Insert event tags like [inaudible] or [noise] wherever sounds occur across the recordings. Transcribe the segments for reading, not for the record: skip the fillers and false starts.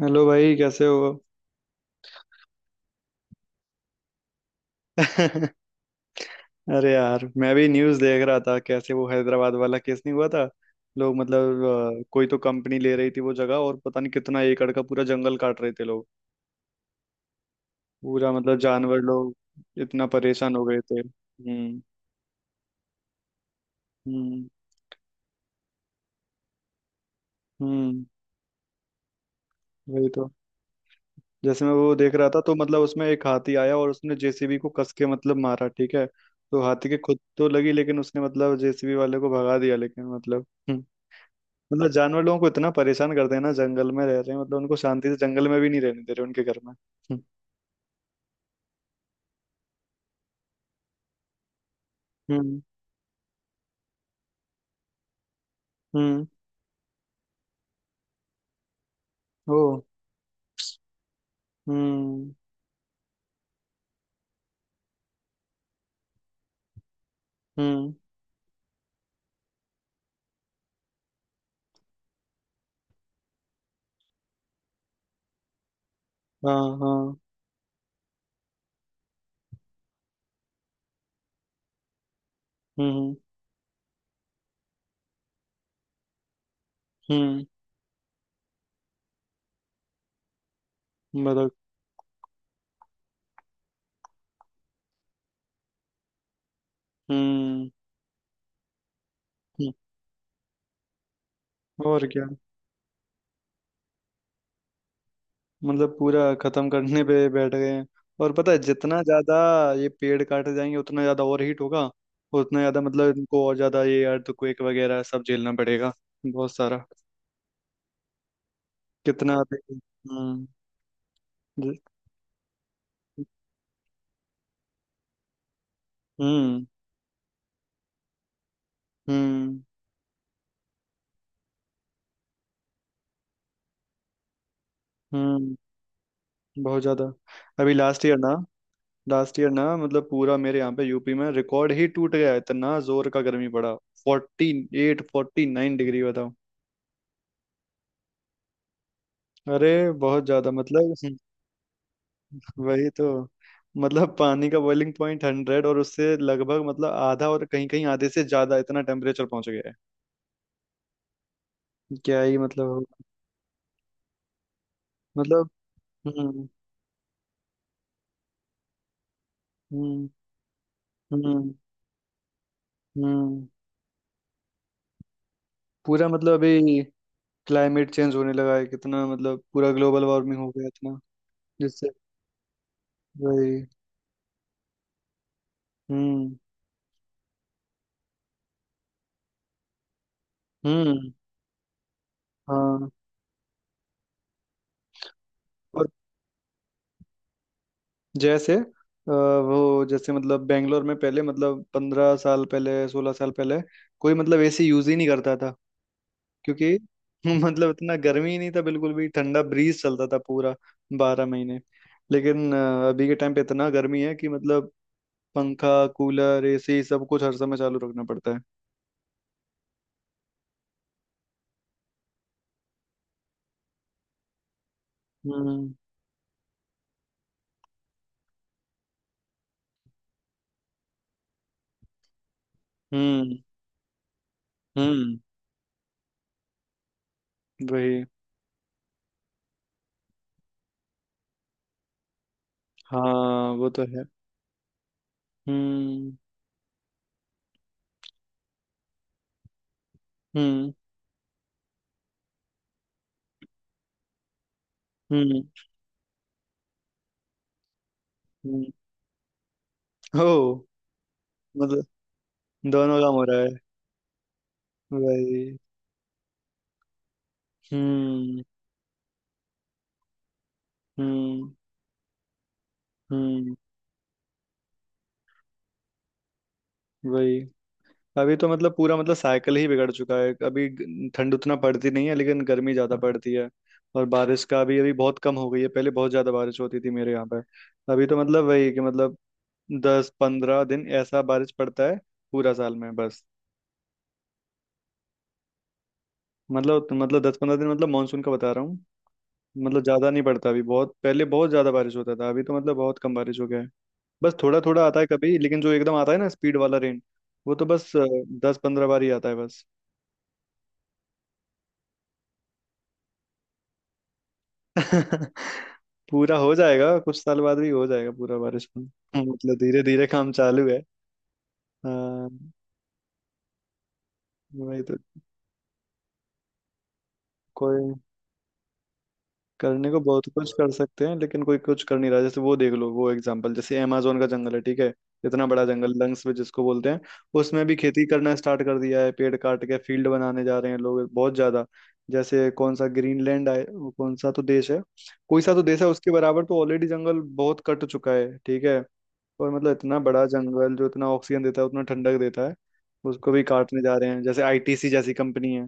Hello भाई कैसे हो। [laughs] अरे यार मैं भी न्यूज़ देख रहा था कैसे वो हैदराबाद वाला केस नहीं हुआ था। लोग मतलब कोई तो कंपनी ले रही थी वो जगह। और पता नहीं कितना एकड़ का पूरा जंगल काट रहे थे लोग। पूरा मतलब जानवर लोग इतना परेशान हो गए थे। हम्म। हम्म। हम्म। वही तो। जैसे मैं वो देख रहा था तो मतलब उसमें एक हाथी आया और उसने जेसीबी को कस के मतलब मारा ठीक है। तो हाथी के खुद तो लगी लेकिन उसने मतलब जेसीबी वाले को भगा दिया लेकिन मतलब। हम्म, मतलब जानवर लोगों को इतना परेशान करते हैं ना जंगल में रह रहे हैं। मतलब उनको शांति से जंगल में भी नहीं रहने दे रहे उनके घर में। हम्म। हम्म। ओ। हम्म। हम्म। हाँ हाँ। हम्म। हम्म। मतलब। हम्म। हम्म, और क्या। मतलब पूरा खत्म करने पे बैठ गए हैं। और पता है जितना ज्यादा ये पेड़ काटे जाएंगे उतना ज्यादा और हीट होगा। उतना ज्यादा मतलब इनको और ज्यादा ये अर्थक्वेक वगैरह सब झेलना पड़ेगा। बहुत सारा। कितना आते-। हम्म। जी-। हम्म। हम्म। हम्म। बहुत ज्यादा। अभी लास्ट ईयर ना। लास्ट ईयर ना मतलब पूरा मेरे यहाँ पे यूपी में रिकॉर्ड ही टूट गया इतना जोर का गर्मी पड़ा। 48-49 डिग्री बताओ। अरे बहुत ज्यादा मतलब वही तो। मतलब पानी का बॉइलिंग पॉइंट 100 और उससे लगभग मतलब आधा और कहीं कहीं आधे से ज्यादा इतना टेम्परेचर पहुंच गया है। क्या ही मतलब हो-। मतलब। हम्म। हम्म। हम्म। हम्म। पूरा मतलब अभी क्लाइमेट चेंज होने लगा है कितना मतलब पूरा ग्लोबल वार्मिंग हो गया इतना। जिससे वही। हम्म। हम्म। हाँ। और जैसे वो जैसे मतलब बेंगलोर में पहले मतलब 15 साल पहले 16 साल पहले कोई मतलब एसी यूज ही नहीं करता था क्योंकि [laughs] मतलब इतना गर्मी ही नहीं था बिल्कुल भी ठंडा ब्रीज चलता था पूरा 12 महीने। लेकिन अभी के टाइम पे इतना गर्मी है कि मतलब पंखा कूलर एसी सब कुछ हर समय चालू रखना पड़ता है। हम्म। हम्म। हम्म। वही। हाँ वो तो है। हम्म। हम्म। हम्म। हम्म। ओ। मतलब दोनों काम हो रहा है। वही। हम्म। हम्म। हम्म। वही। अभी तो मतलब पूरा मतलब साइकिल ही बिगड़ चुका है अभी ग- ठंड उतना पड़ती नहीं है लेकिन गर्मी ज्यादा पड़ती है। और बारिश का भी अभी बहुत कम हो गई है। पहले बहुत ज्यादा बारिश होती थी मेरे यहाँ पे। अभी तो मतलब वही कि मतलब 10-15 दिन ऐसा बारिश पड़ता है पूरा साल में बस। मतलब 10-15 दिन मतलब मानसून का बता रहा हूँ। मतलब ज्यादा नहीं पड़ता अभी। बहुत पहले बहुत ज्यादा बारिश होता था अभी तो मतलब बहुत कम बारिश हो गया है। बस थोड़ा थोड़ा आता है कभी। लेकिन जो एकदम आता है ना स्पीड वाला रेन वो तो बस 10-15 बार ही आता है बस। [laughs] पूरा हो जाएगा कुछ साल बाद भी हो जाएगा पूरा बारिश में। [laughs] मतलब धीरे धीरे काम चालू है। हाँ वही तो। कोई करने को बहुत कुछ कर सकते हैं लेकिन कोई कुछ कर नहीं रहा। जैसे वो देख लो वो एग्जांपल जैसे अमेजोन का जंगल है ठीक है। इतना बड़ा जंगल लंग्स में जिसको बोलते हैं उसमें भी खेती करना स्टार्ट कर दिया है। पेड़ काट के फील्ड बनाने जा रहे हैं लोग बहुत ज्यादा। जैसे कौन सा ग्रीनलैंड है वो कौन सा तो देश है। कोई सा तो देश है उसके बराबर तो ऑलरेडी जंगल बहुत कट चुका है ठीक है। और मतलब इतना बड़ा जंगल जो इतना ऑक्सीजन देता है उतना ठंडक देता है उसको भी काटने जा रहे हैं। जैसे आईटीसी जैसी कंपनी है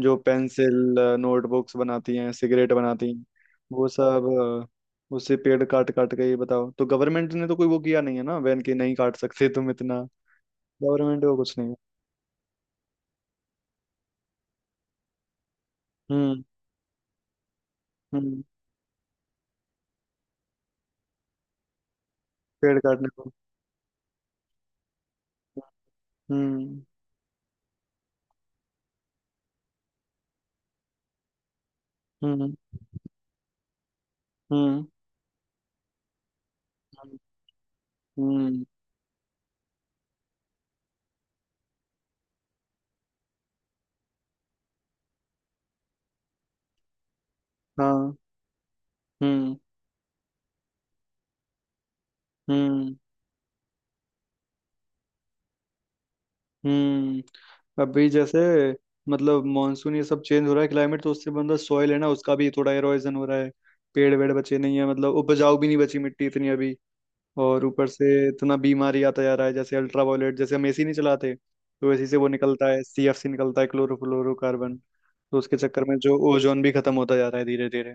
जो पेंसिल नोटबुक्स बनाती हैं सिगरेट बनाती हैं वो सब उससे पेड़ काट काट के ये बताओ तो गवर्नमेंट ने तो कोई वो किया नहीं है ना बैन कि नहीं काट सकते तुम इतना। गवर्नमेंट को कुछ नहीं है। हम्म। हम्म। पेड़ काटने को। हम्म। हम्म। हम्म। हम्म। हम्म, हाँ। हम्म। हम्म। हम्म। अभी जैसे मतलब मानसून ये सब चेंज हो रहा है क्लाइमेट तो उससे मतलब सॉइल है ना उसका भी थोड़ा एरोजन हो रहा है। पेड़ वेड़ बचे नहीं है मतलब उपजाऊ भी नहीं बची मिट्टी इतनी अभी। और ऊपर से इतना बीमारी आता जा रहा है जैसे अल्ट्रा वायलेट। जैसे हम एसी नहीं चलाते तो एसी से वो निकलता है सीएफसी निकलता है क्लोरोफ्लोरोकार्बन। तो उसके चक्कर में जो ओजोन भी खत्म होता जा रहा है धीरे धीरे।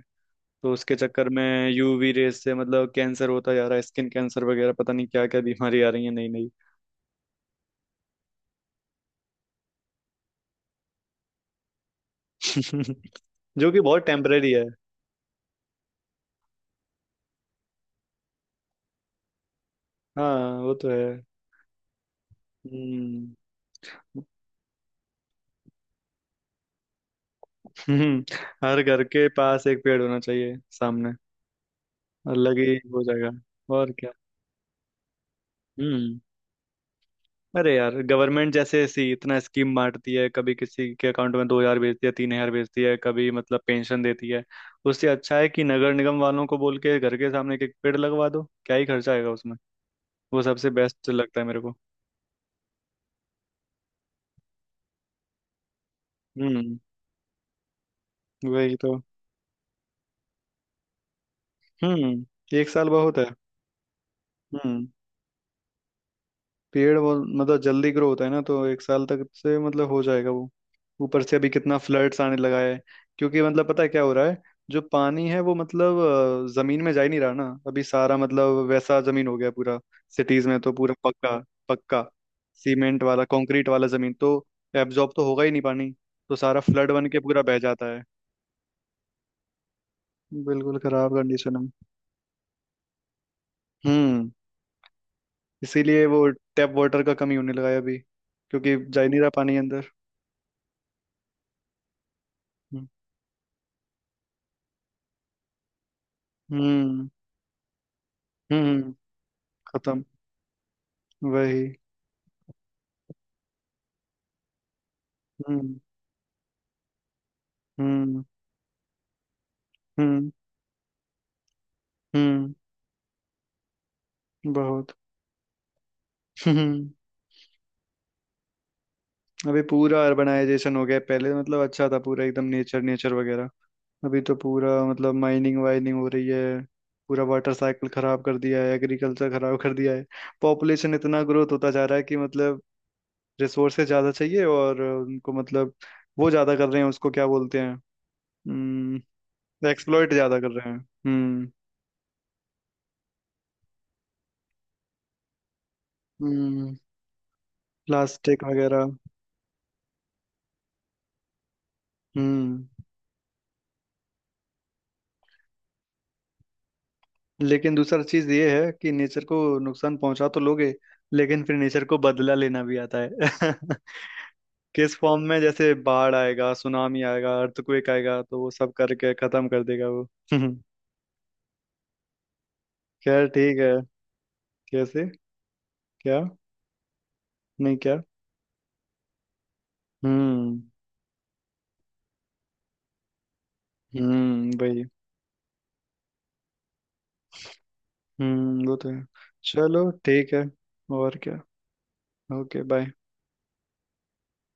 तो उसके चक्कर में यूवी रेस से मतलब कैंसर होता जा रहा है स्किन कैंसर वगैरह पता नहीं क्या क्या बीमारी आ रही है नई नई। [laughs] जो कि बहुत टेम्परेरी है। हाँ वो तो है। हम्म। [laughs] हम्म, हर घर के पास एक पेड़ होना चाहिए सामने। अलग ही हो जाएगा। और क्या। हम्म। अरे यार गवर्नमेंट जैसे ऐसी इतना स्कीम बांटती है कभी किसी के अकाउंट में 2,000 भेजती है 3,000 भेजती है कभी मतलब पेंशन देती है। उससे अच्छा है कि नगर निगम वालों को बोल के घर के सामने एक एक पेड़ लगवा दो। क्या ही खर्चा आएगा उसमें। वो सबसे बेस्ट लगता है मेरे को। हम्म। वही तो। हम्म। एक साल बहुत है। हम्म। पेड़ वो मतलब जल्दी ग्रो होता है ना तो एक साल तक से मतलब हो जाएगा वो। ऊपर से अभी कितना फ्लड्स आने लगा है क्योंकि मतलब पता है क्या हो रहा है। जो पानी है वो मतलब जमीन में जा ही नहीं रहा ना अभी। सारा मतलब वैसा जमीन हो गया पूरा। सिटीज में तो पूरा पक्का। पक्का सीमेंट वाला कंक्रीट वाला जमीन तो एब्जॉर्ब तो होगा ही नहीं पानी। तो सारा फ्लड बन के पूरा बह जाता है। बिल्कुल खराब कंडीशन है। हम्म। इसीलिए वो टैप वाटर का कमी होने लगा है अभी क्योंकि जा ही नहीं रहा पानी अंदर। हम्म। हम्म। खत्म। वही। हम्म। हम्म। हम्म। हम्म। बहुत। हम्म। अभी पूरा अर्बनाइजेशन हो गया है। पहले मतलब अच्छा था पूरा एकदम नेचर नेचर वगैरह। अभी तो पूरा मतलब माइनिंग वाइनिंग हो रही है। पूरा वाटर साइकिल खराब कर दिया है एग्रीकल्चर खराब कर दिया है। पॉपुलेशन इतना ग्रोथ होता जा रहा है कि मतलब रिसोर्सेज ज्यादा चाहिए और उनको मतलब वो ज्यादा कर रहे हैं उसको क्या बोलते हैं। हम्म। एक्सप्लॉइट ज्यादा कर रहे हैं। हम्म। हम्म। प्लास्टिक वगैरह। हम्म। लेकिन दूसरा चीज ये है कि नेचर को नुकसान पहुंचा तो लोगे लेकिन फिर नेचर को बदला लेना भी आता है। [laughs] किस फॉर्म में जैसे बाढ़ आएगा सुनामी आएगा अर्थक्वेक आएगा तो वो सब करके खत्म कर देगा वो। [laughs] खैर ठीक है। कैसे। क्या। नहीं क्या। हम्म। हम्म। वही। हम्म। वो तो है। चलो ठीक है। और क्या। Okay bye.